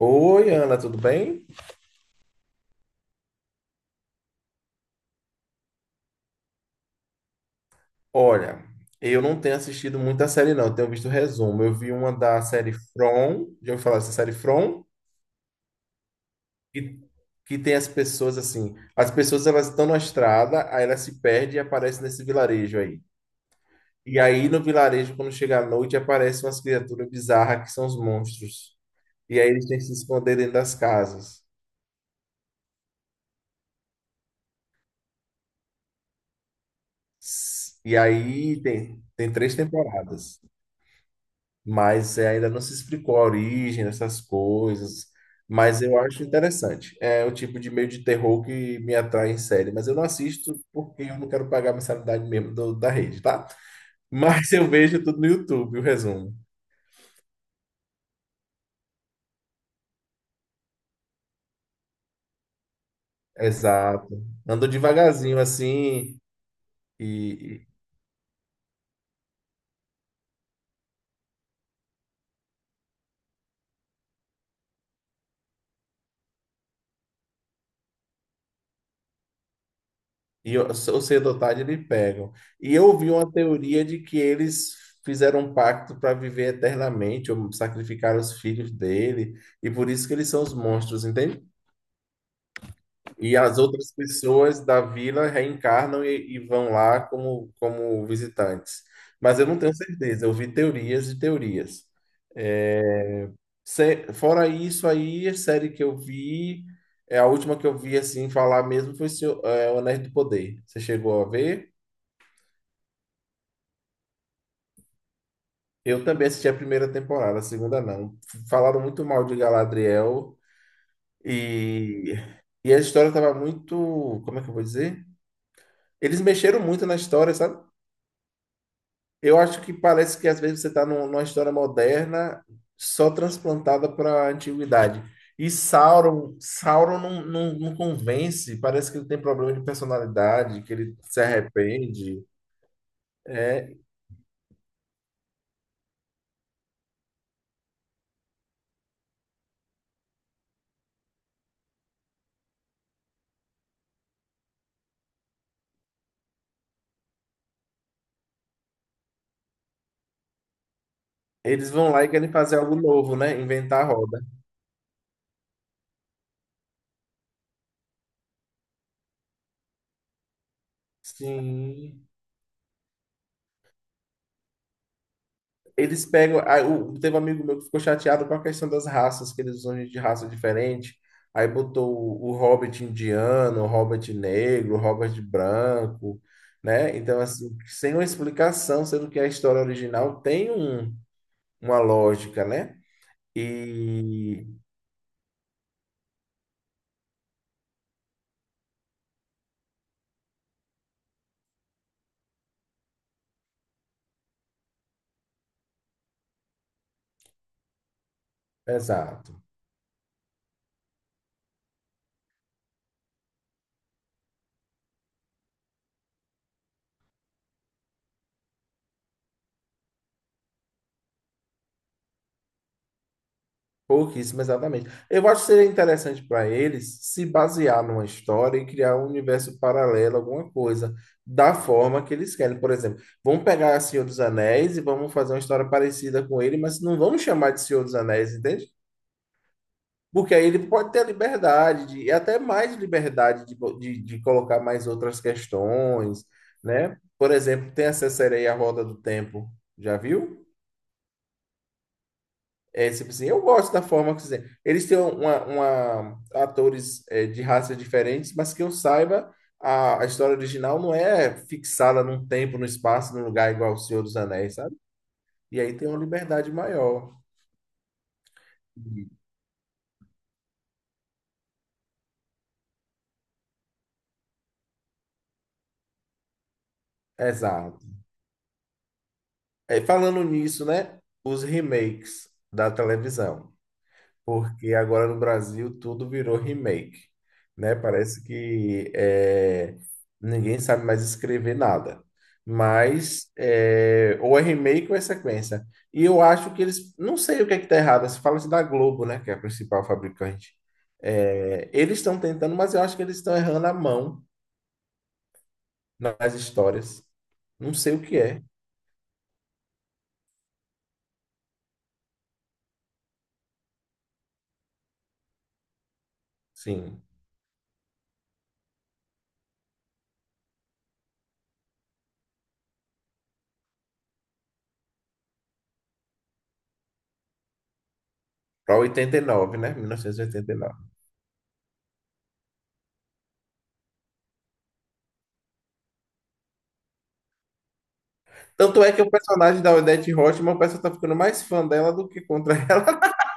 Oi, Ana, tudo bem? Olha, eu não tenho assistido muita série, não. Eu tenho visto resumo. Eu vi uma da série From, já ouviu falar dessa série From? Que, que tem as pessoas assim. As pessoas elas estão na estrada, aí elas se perdem e aparecem nesse vilarejo aí. E aí no vilarejo, quando chega a noite, aparecem umas criaturas bizarras que são os monstros. E aí eles têm que se esconder dentro das casas. E aí tem três temporadas. Mas é, ainda não se explicou a origem dessas coisas. Mas eu acho interessante. É o tipo de meio de terror que me atrai em série, mas eu não assisto porque eu não quero pagar a mensalidade mesmo da rede, tá? Mas eu vejo tudo no YouTube, o resumo. Exato. Ando devagarzinho assim e, ou cedo ou tarde eles pegam. E eu ouvi uma teoria de que eles fizeram um pacto para viver eternamente, ou sacrificaram os filhos dele, e por isso que eles são os monstros, entende? E as outras pessoas da vila reencarnam e vão lá como visitantes. Mas eu não tenho certeza, eu vi teorias e teorias. É, Fora isso aí, a série que eu vi, é a última que eu vi assim falar mesmo foi O Anéis do Poder. Você chegou a ver? Eu também assisti a primeira temporada, a segunda não. Falaram muito mal de Galadriel e, e a história estava muito, como é que eu vou dizer? Eles mexeram muito na história, sabe? Eu acho que parece que às vezes você está numa história moderna só transplantada para a antiguidade. E Sauron não, não, não convence, parece que ele tem problema de personalidade, que ele se arrepende. É, eles vão lá e querem fazer algo novo, né? Inventar a roda. Sim. Eles pegam. Aí, teve um amigo meu que ficou chateado com a questão das raças, que eles usam gente de raça diferente. Aí botou o Hobbit indiano, o Hobbit negro, o Hobbit branco, né? Então, assim, sem uma explicação, sendo que a história original tem uma lógica, né? E. Exato. Pouquíssimo, exatamente. Eu acho que seria interessante para eles se basear numa história e criar um universo paralelo, alguma coisa, da forma que eles querem. Por exemplo, vamos pegar Senhor dos Anéis e vamos fazer uma história parecida com ele, mas não vamos chamar de Senhor dos Anéis, entende? Porque aí ele pode ter a liberdade, de, e até mais liberdade de, de colocar mais outras questões, né? Por exemplo, tem essa série aí, A Roda do Tempo, já viu? É, tipo assim, eu gosto da forma que fizeram. Eles têm uma, atores, de raças diferentes, mas que eu saiba, a história original não é fixada num tempo, num espaço, num lugar igual ao Senhor dos Anéis, sabe? E aí tem uma liberdade maior. Exato. É, falando nisso, né? Os remakes da televisão. Porque agora no Brasil tudo virou remake, né? Parece que ninguém sabe mais escrever nada. Mas é, ou é remake ou é sequência. E eu acho que eles, não sei o que é que tá errado. Se fala-se da Globo, né? Que é a principal fabricante. É, eles estão tentando, mas eu acho que eles estão errando a mão nas histórias. Não sei o que é. Sim, para 89, né? 1989. Tanto é que o personagem da Odette Roitman, o pessoal tá ficando mais fã dela do que contra ela.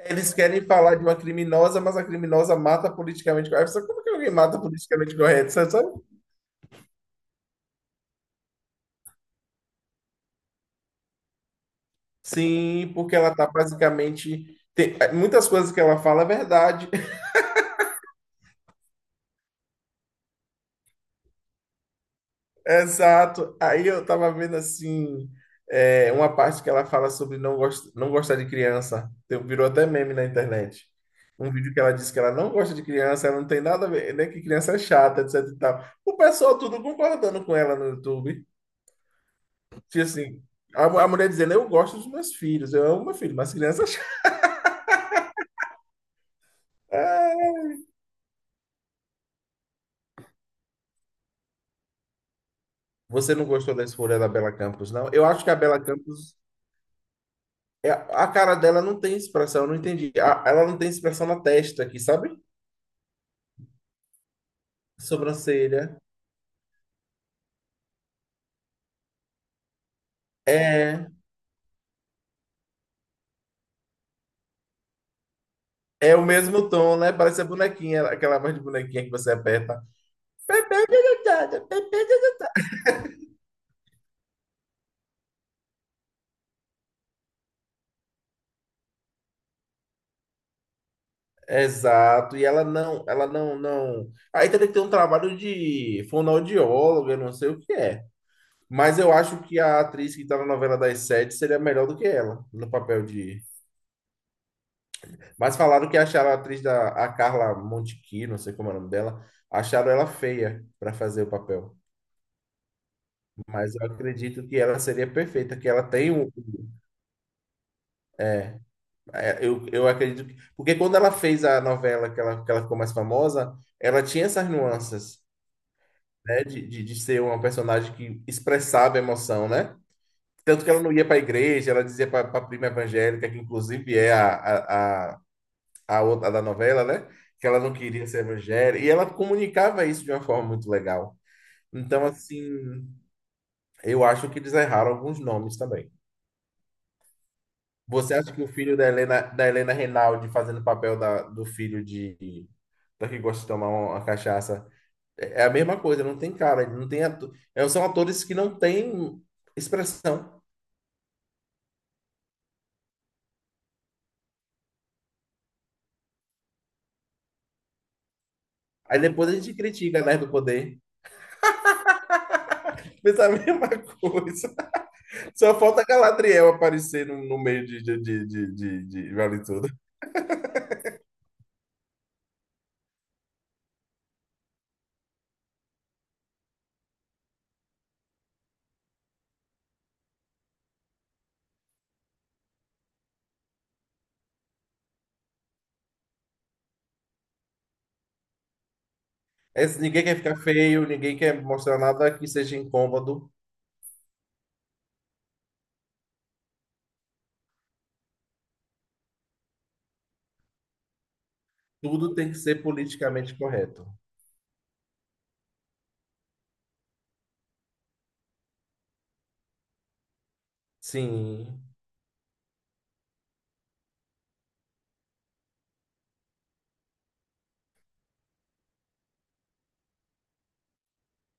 Eles querem falar de uma criminosa, mas a criminosa mata politicamente correto. Sabe como que alguém mata politicamente correto? Sabe? Sabe? Sim, porque ela tá basicamente. Muitas coisas que ela fala é verdade. Exato. Aí eu tava vendo assim, uma parte que ela fala sobre não gostar de criança. Virou até meme na internet. Um vídeo que ela disse que ela não gosta de criança, ela não tem nada a ver, né? Que criança é chata, etc e tal. O pessoal tudo concordando com ela no YouTube. Tipo assim, a mulher dizendo, eu gosto dos meus filhos, eu amo meu filho, mas criança é chata. Ah, você não gostou da escolha da Bela Campos, não? Eu acho que a Bela Campos, a cara dela não tem expressão, eu não entendi. Ela não tem expressão na testa aqui, sabe? Sobrancelha. É. É o mesmo tom, né? Parece a bonequinha, aquela voz de bonequinha que você aperta. Exato. E ela não, não. Aí teria que ter um trabalho de fonoaudióloga, eu não sei o que é. Mas eu acho que a atriz que tá na novela das sete seria melhor do que ela, no papel de. Mas falaram que acharam a atriz da a Carla Montequi, não sei como é o nome dela, acharam ela feia para fazer o papel. Mas eu acredito que ela seria perfeita, que ela tem um. É, eu acredito que. Porque quando ela fez a novela que ela ficou mais famosa, ela tinha essas nuances, né? De ser uma personagem que expressava emoção, né? Tanto que ela não ia para a igreja, ela dizia para a prima evangélica, que inclusive é a, a, a outra da novela, né? Que ela não queria ser evangélica. E ela comunicava isso de uma forma muito legal. Então, assim, eu acho que eles erraram alguns nomes também. Você acha que o filho da Helena Reinaldi fazendo o papel do filho de da que gosta de tomar uma cachaça é a mesma coisa, não tem cara, não tem são atores que não têm expressão. Aí depois a gente critica, né, do poder. Mas é a mesma coisa. Só falta Galadriel aparecer no meio de vale tudo. É, ninguém quer ficar feio, ninguém quer mostrar nada que seja incômodo. Tudo tem que ser politicamente correto. Sim.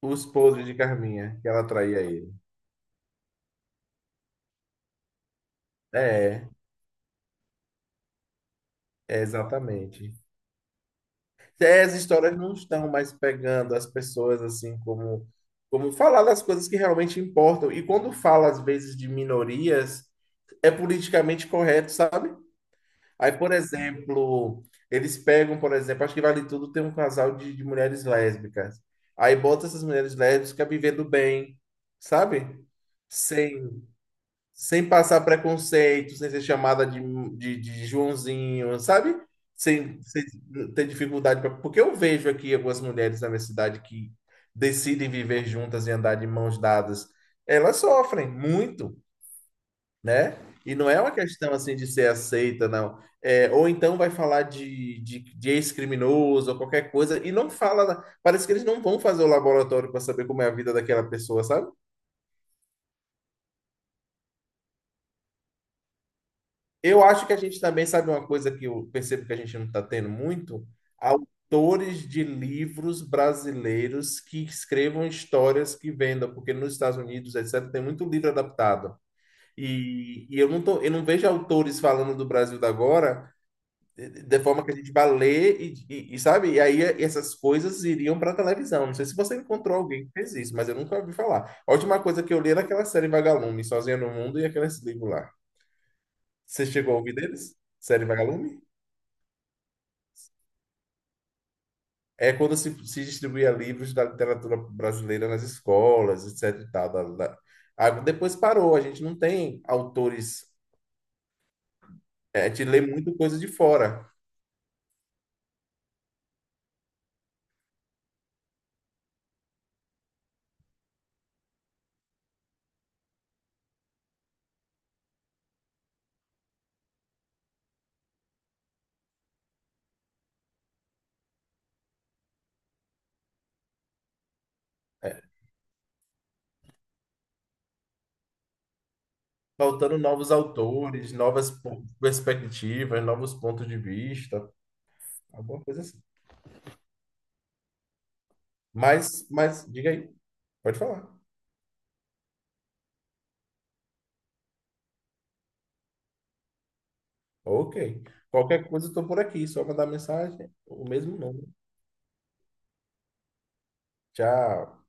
Os podres de Carminha, que ela traía ele. É, é exatamente. As histórias não estão mais pegando as pessoas assim como falar das coisas que realmente importam. E quando fala às vezes de minorias, é politicamente correto, sabe? Aí, por exemplo, eles pegam, por exemplo, acho que Vale Tudo tem um casal de mulheres lésbicas. Aí bota essas mulheres lésbicas vivendo bem, sabe? Sem sem passar preconceito, sem ser chamada de Joãozinho, sabe? Sem ter dificuldade. Porque eu vejo aqui algumas mulheres na minha cidade que decidem viver juntas e andar de mãos dadas. Elas sofrem muito, né? E não é uma questão assim de ser aceita, não. Ou então vai falar de ex-criminoso ou qualquer coisa e não fala. Parece que eles não vão fazer o laboratório para saber como é a vida daquela pessoa, sabe? Eu acho que a gente também sabe uma coisa que eu percebo que a gente não está tendo muito, autores de livros brasileiros que escrevam histórias que vendam, porque nos Estados Unidos, etc., tem muito livro adaptado. E eu não tô, eu não vejo autores falando do Brasil da agora de forma que a gente vá ler e, sabe? E aí essas coisas iriam para televisão. Não sei se você encontrou alguém que fez isso, mas eu nunca ouvi falar. A última coisa que eu li era aquela série Vagalume, Sozinha no Mundo e aqueles livros lá. Você chegou a ouvir deles? Série Vagalume? É quando se distribuía livros da literatura brasileira nas escolas, etc. e tal, Ah, depois parou, a gente não tem autores, a gente lê muito coisa de fora. É, Faltando novos autores, novas perspectivas, novos pontos de vista, alguma coisa assim. Mas, diga aí, pode falar. Ok. Qualquer coisa, eu estou por aqui, só mandar mensagem, o mesmo nome. Tchau.